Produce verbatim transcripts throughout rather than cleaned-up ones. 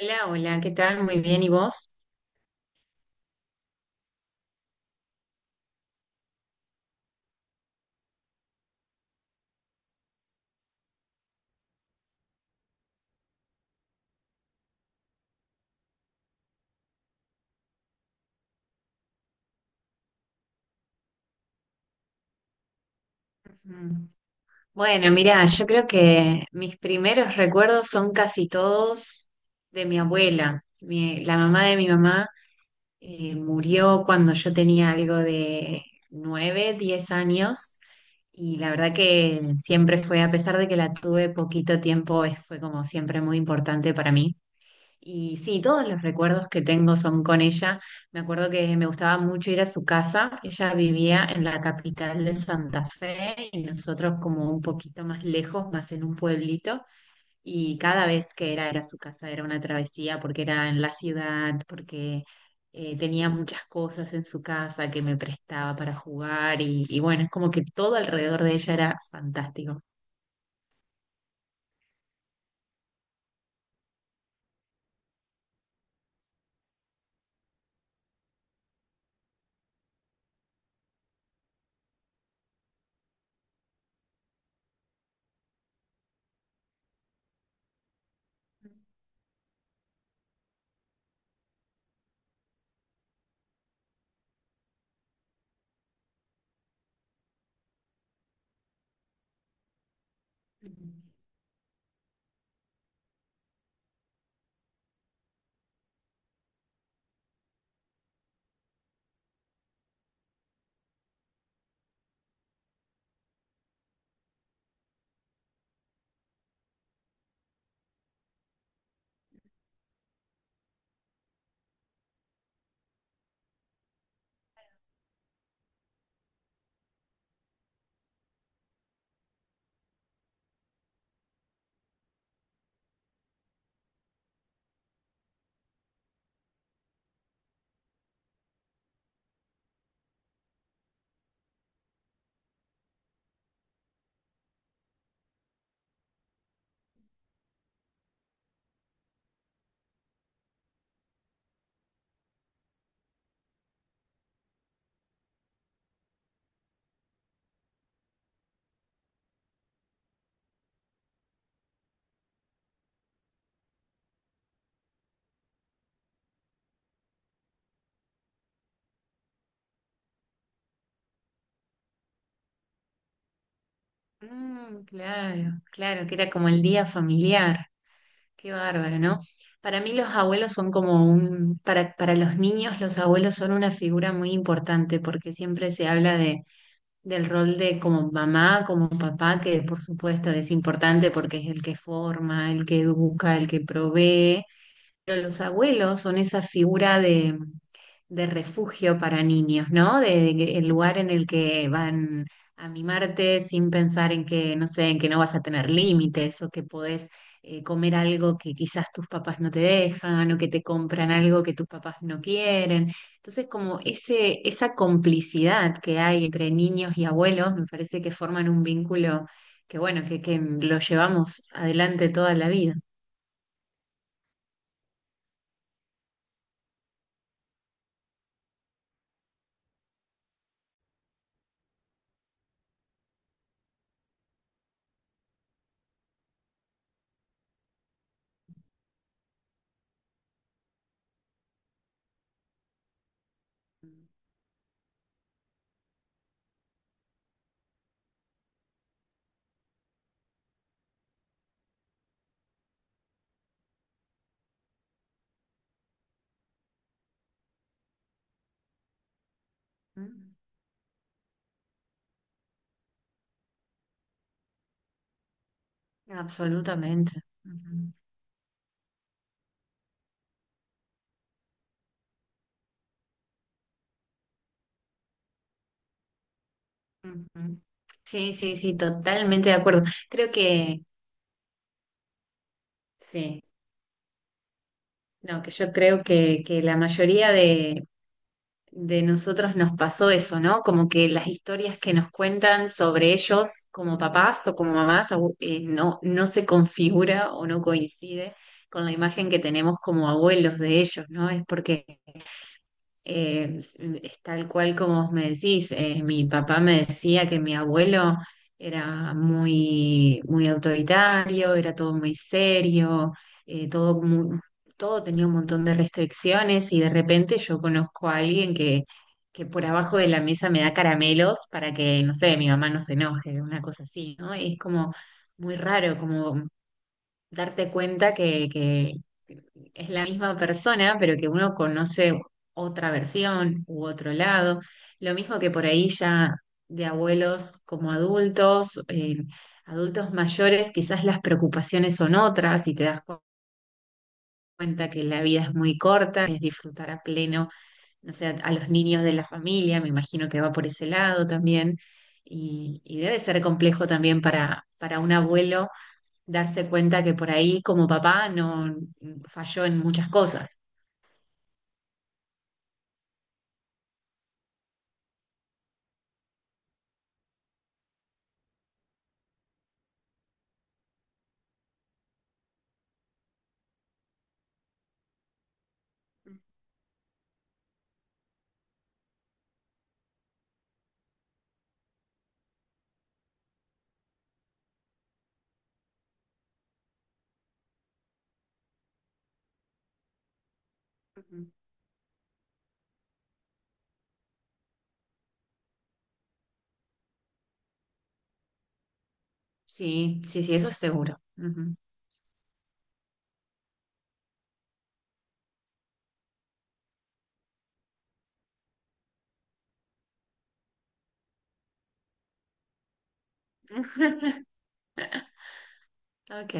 Hola, hola, ¿qué tal? Muy bien, ¿y vos? Ujú. Bueno, mira, yo creo que mis primeros recuerdos son casi todos de mi abuela. Mi- la mamá de mi mamá eh, murió cuando yo tenía algo de nueve, diez años y la verdad que siempre fue, a pesar de que la tuve poquito tiempo, es- fue como siempre muy importante para mí. Y sí, todos los recuerdos que tengo son con ella. Me acuerdo que me gustaba mucho ir a su casa. Ella vivía en la capital de Santa Fe y nosotros como un poquito más lejos, más en un pueblito. Y cada vez que era, era su casa, era una travesía porque era en la ciudad, porque eh, tenía muchas cosas en su casa que me prestaba para jugar. Y, y bueno, es como que todo alrededor de ella era fantástico. Mm, claro, claro, que era como el día familiar. Qué bárbaro, ¿no? Para mí los abuelos son como un, para, para los niños los abuelos son una figura muy importante porque siempre se habla de, del rol de como mamá, como papá, que por supuesto es importante porque es el que forma, el que educa, el que provee, pero los abuelos son esa figura de, de refugio para niños, ¿no? De, de que el lugar en el que van a mimarte sin pensar en que, no sé, en que no vas a tener límites o que podés eh, comer algo que quizás tus papás no te dejan o que te compran algo que tus papás no quieren. Entonces, como ese, esa complicidad que hay entre niños y abuelos, me parece que forman un vínculo que, bueno, que, que lo llevamos adelante toda la vida. Absolutamente. Ujú, ujú. Sí, sí, sí, totalmente de acuerdo. Creo que sí. No, que yo creo que, que la mayoría de, de nosotros nos pasó eso, ¿no? Como que las historias que nos cuentan sobre ellos como papás o como mamás abu- eh, no, no se configura o no coincide con la imagen que tenemos como abuelos de ellos, ¿no? Es porque eh, es tal cual como vos me decís, eh, mi papá me decía que mi abuelo era muy, muy autoritario, era todo muy serio, eh, todo mu- muy, todo tenía un montón de restricciones y de repente yo conozco a alguien que, que por abajo de la mesa me da caramelos para que, no sé, mi mamá no se enoje, una cosa así, ¿no? Y es como muy raro, como darte cuenta que, que es la misma persona, pero que uno conoce otra versión u otro lado. Lo mismo que por ahí ya de abuelos como adultos, eh, adultos mayores, quizás las preocupaciones son otras y te das cuenta cuenta que la vida es muy corta, es disfrutar a pleno, no sé, a los niños de la familia, me imagino que va por ese lado también, y, y debe ser complejo también para, para un abuelo darse cuenta que por ahí como papá no falló en muchas cosas. Ujú. Sí, sí, sí, eso es seguro. Ujú. Ok,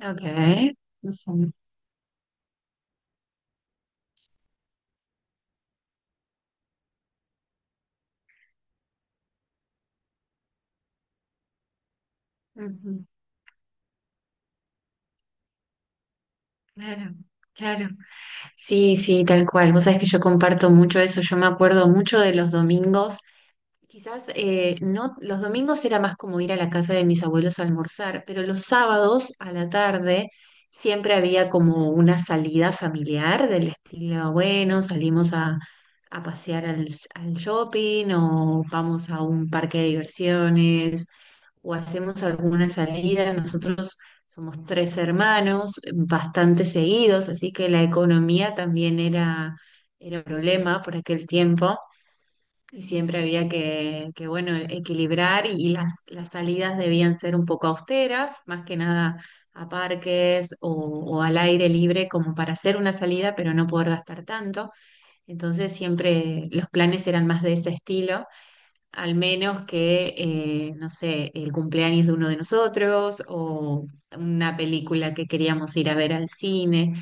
ok. Ujú, ujú. Claro, claro. Sí, sí, tal cual. Vos sabés que yo comparto mucho eso. Yo me acuerdo mucho de los domingos. Quizás eh, no, los domingos era más como ir a la casa de mis abuelos a almorzar, pero los sábados a la tarde siempre había como una salida familiar del estilo, bueno, salimos a, a pasear al, al shopping o vamos a un parque de diversiones o hacemos alguna salida. Nosotros somos tres hermanos, bastante seguidos, así que la economía también era, era un problema por aquel tiempo. Y siempre había que, que, bueno, equilibrar y, y las, las salidas debían ser un poco austeras, más que nada a parques o, o al aire libre como para hacer una salida, pero no poder gastar tanto. Entonces siempre los planes eran más de ese estilo, al menos que, eh, no sé, el cumpleaños de uno de nosotros o una película que queríamos ir a ver al cine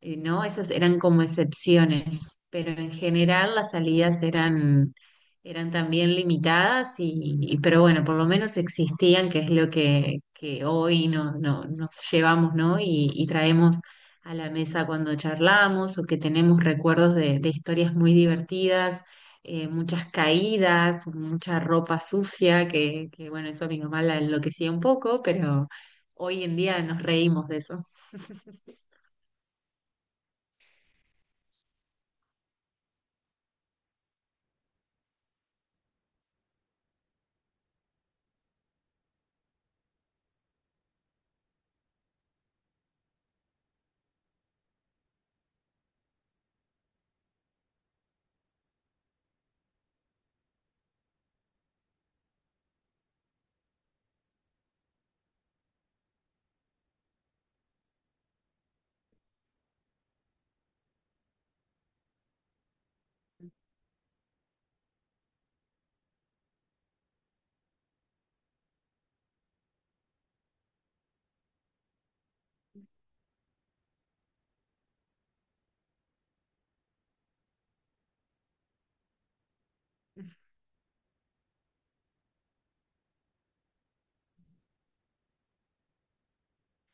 eh, ¿no? Esas eran como excepciones, pero en general las salidas eran, eran también limitadas y, y- pero bueno, por lo menos existían, que es lo que, que hoy no, no, nos llevamos, ¿no? Y, y traemos a la mesa cuando charlamos o que tenemos recuerdos de, de historias muy divertidas. Eh, muchas caídas, mucha ropa sucia, que, que bueno, eso a mi mamá la enloquecía un poco, pero hoy en día nos reímos de eso.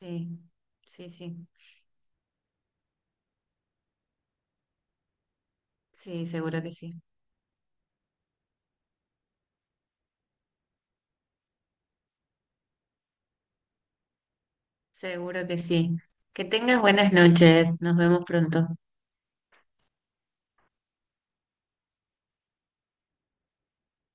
Sí, sí, sí. Sí, seguro que sí. Seguro que sí. Que tengas buenas noches. Nos vemos pronto.